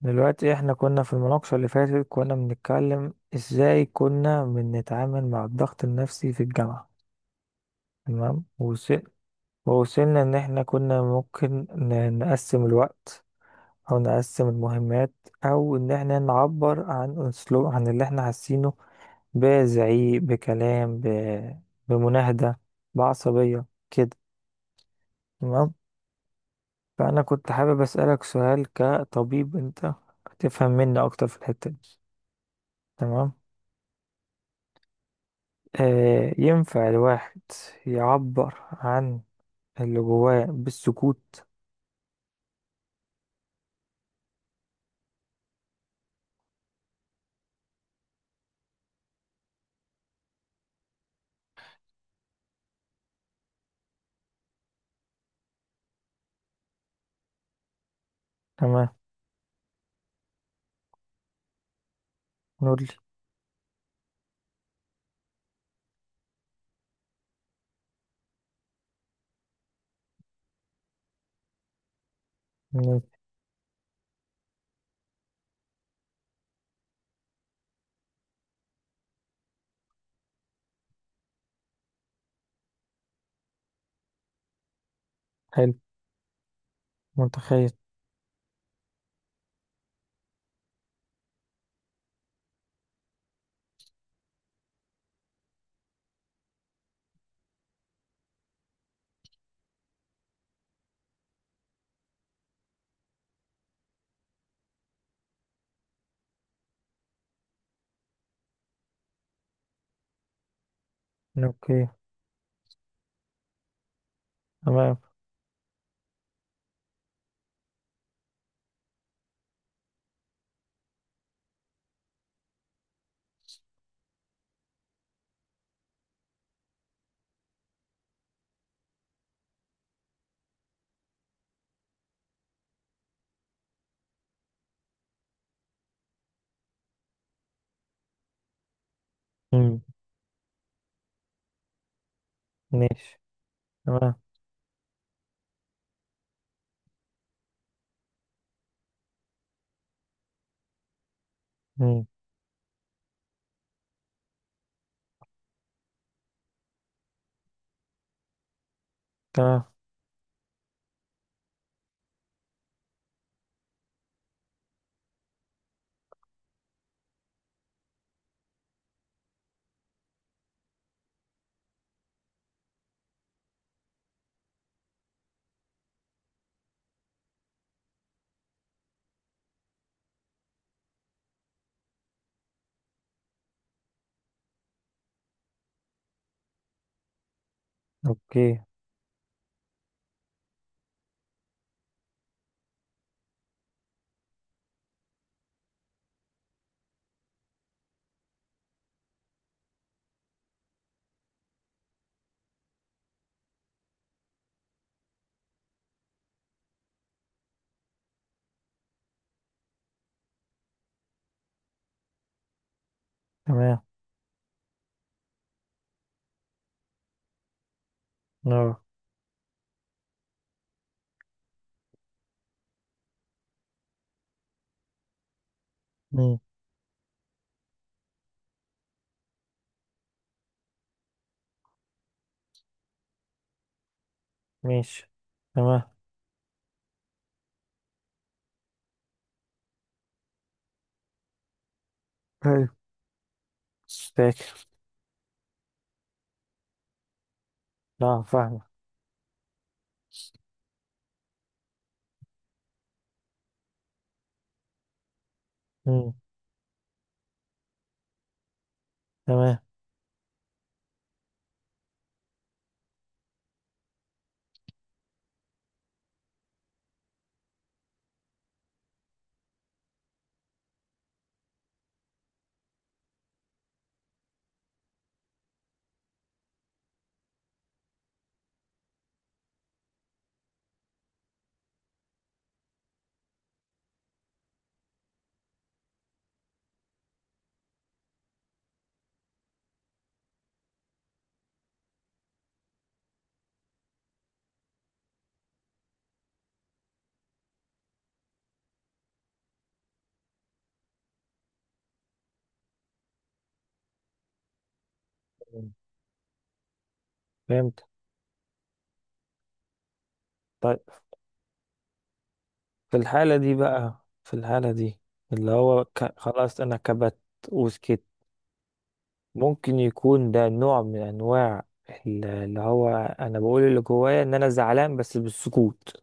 دلوقتي احنا كنا في المناقشة اللي فاتت. كنا بنتكلم ازاي كنا بنتعامل مع الضغط النفسي في الجامعة. تمام، ووصل. ووصلنا ان احنا كنا ممكن نقسم الوقت، او نقسم المهمات، او ان احنا نعبر عن اسلوب عن اللي احنا حاسينه، بزعيق، بكلام، بمناهدة، بعصبية، كده. تمام. فانا كنت حابب اسألك سؤال، كطبيب انت تفهم مني اكتر في الحتة دي. تمام. آه، ينفع الواحد يعبر عن اللي جواه بالسكوت؟ تمام. نقول لي. مم، حلو. متخيل. اوكي. تمام. مم. ماشي. تمام. مم. تمام. اوكي. تمام. نعم. مم. ماشي. تمام. حلو. مش فاكر. لا، فاهمة. مم. تمام. مم. فهمت. طيب، في الحالة دي بقى في الحالة دي اللي هو خلاص، أنا كبت وسكت. ممكن يكون ده نوع من انواع، اللي هو انا بقول اللي جوايا ان انا زعلان بس بالسكوت.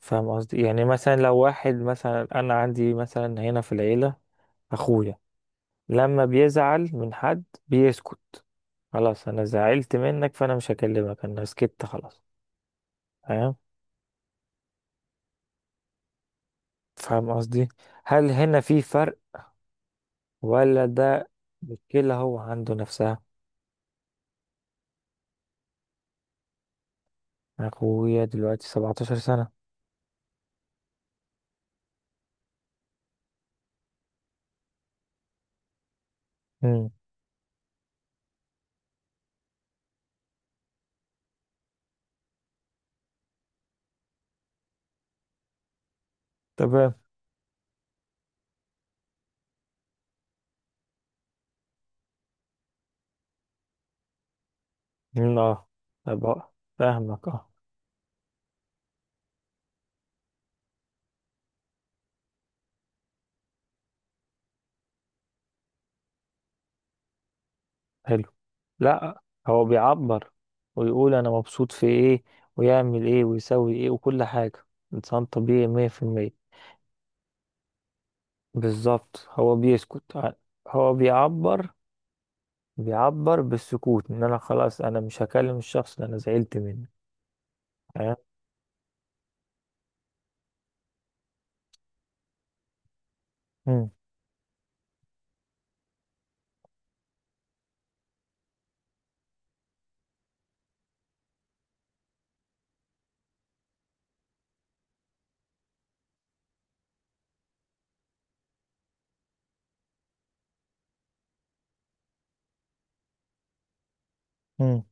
فاهم قصدي؟ يعني مثلا لو واحد، مثلا انا عندي مثلا هنا في العيلة، اخويا لما بيزعل من حد بيسكت. خلاص انا زعلت منك فانا مش هكلمك، انا سكت خلاص. فاهم. فاهم قصدي؟ هل هنا في فرق، ولا ده مشكلة هو عنده نفسها؟ اخويا دلوقتي 17 سنة. امم تمام. مم، اه. أبقى فاهمك، اه. حلو. لا، هو بيعبر ويقول انا مبسوط في ايه ويعمل ايه ويسوي ايه وكل حاجة. انسان طبيعي 100%. بالظبط، هو بيسكت. هو بيعبر بالسكوت ان انا خلاص انا مش هكلم الشخص اللي انا زعلت منه. تمام. مم، مم،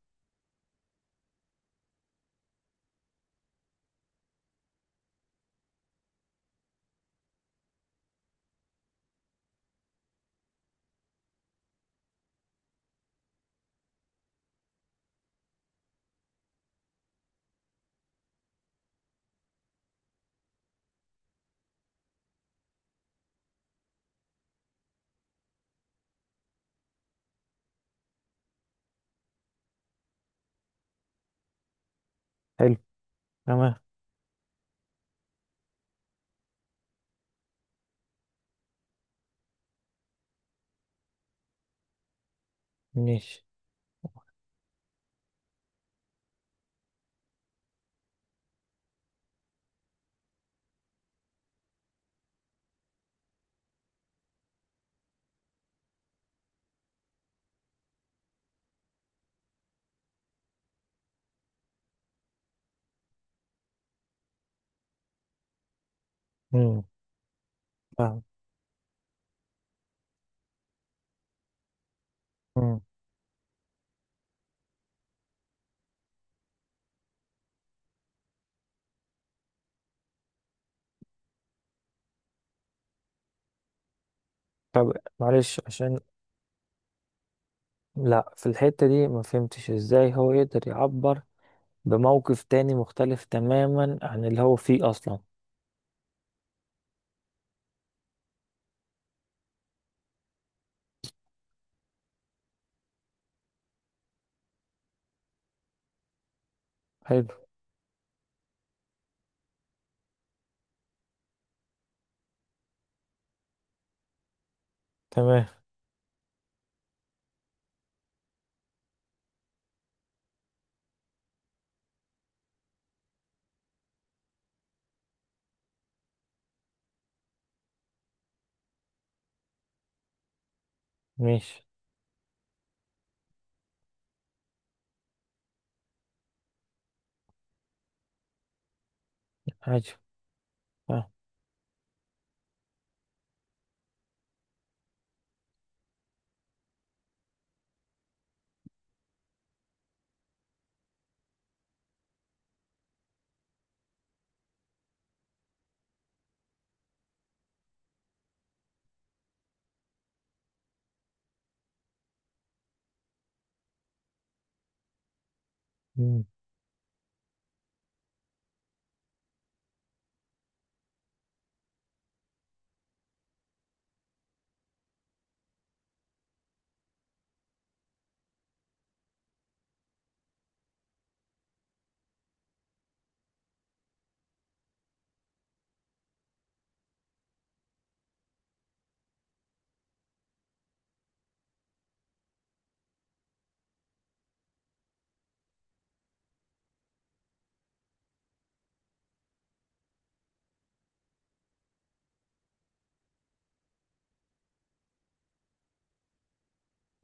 حلو. تمام. ماشي. مم، فاهم. مم. طب معلش، عشان... لا، في الحتة دي ما فهمتش ازاي هو يقدر يعبر بموقف تاني مختلف تماما عن اللي هو فيه أصلا. حلو. تمام. ماشي. عجب. آه. مم.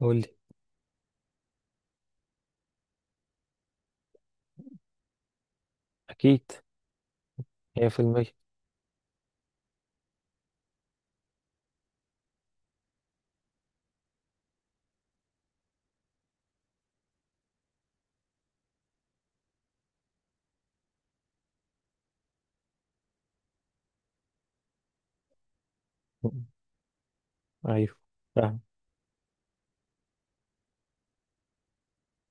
قولي. أكيد. 100%. مم. أيوه. فاهم.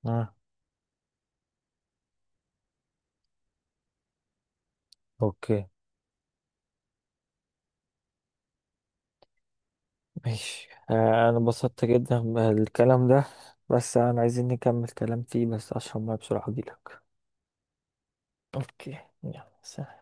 آه. أوكي. ماشي. آه. أنا انبسطت جدا بالكلام ده. بس أنا عايزين نكمل كلام فيه، بس أشرب مية بسرعة أجيلك. أوكي. يلا، سلام.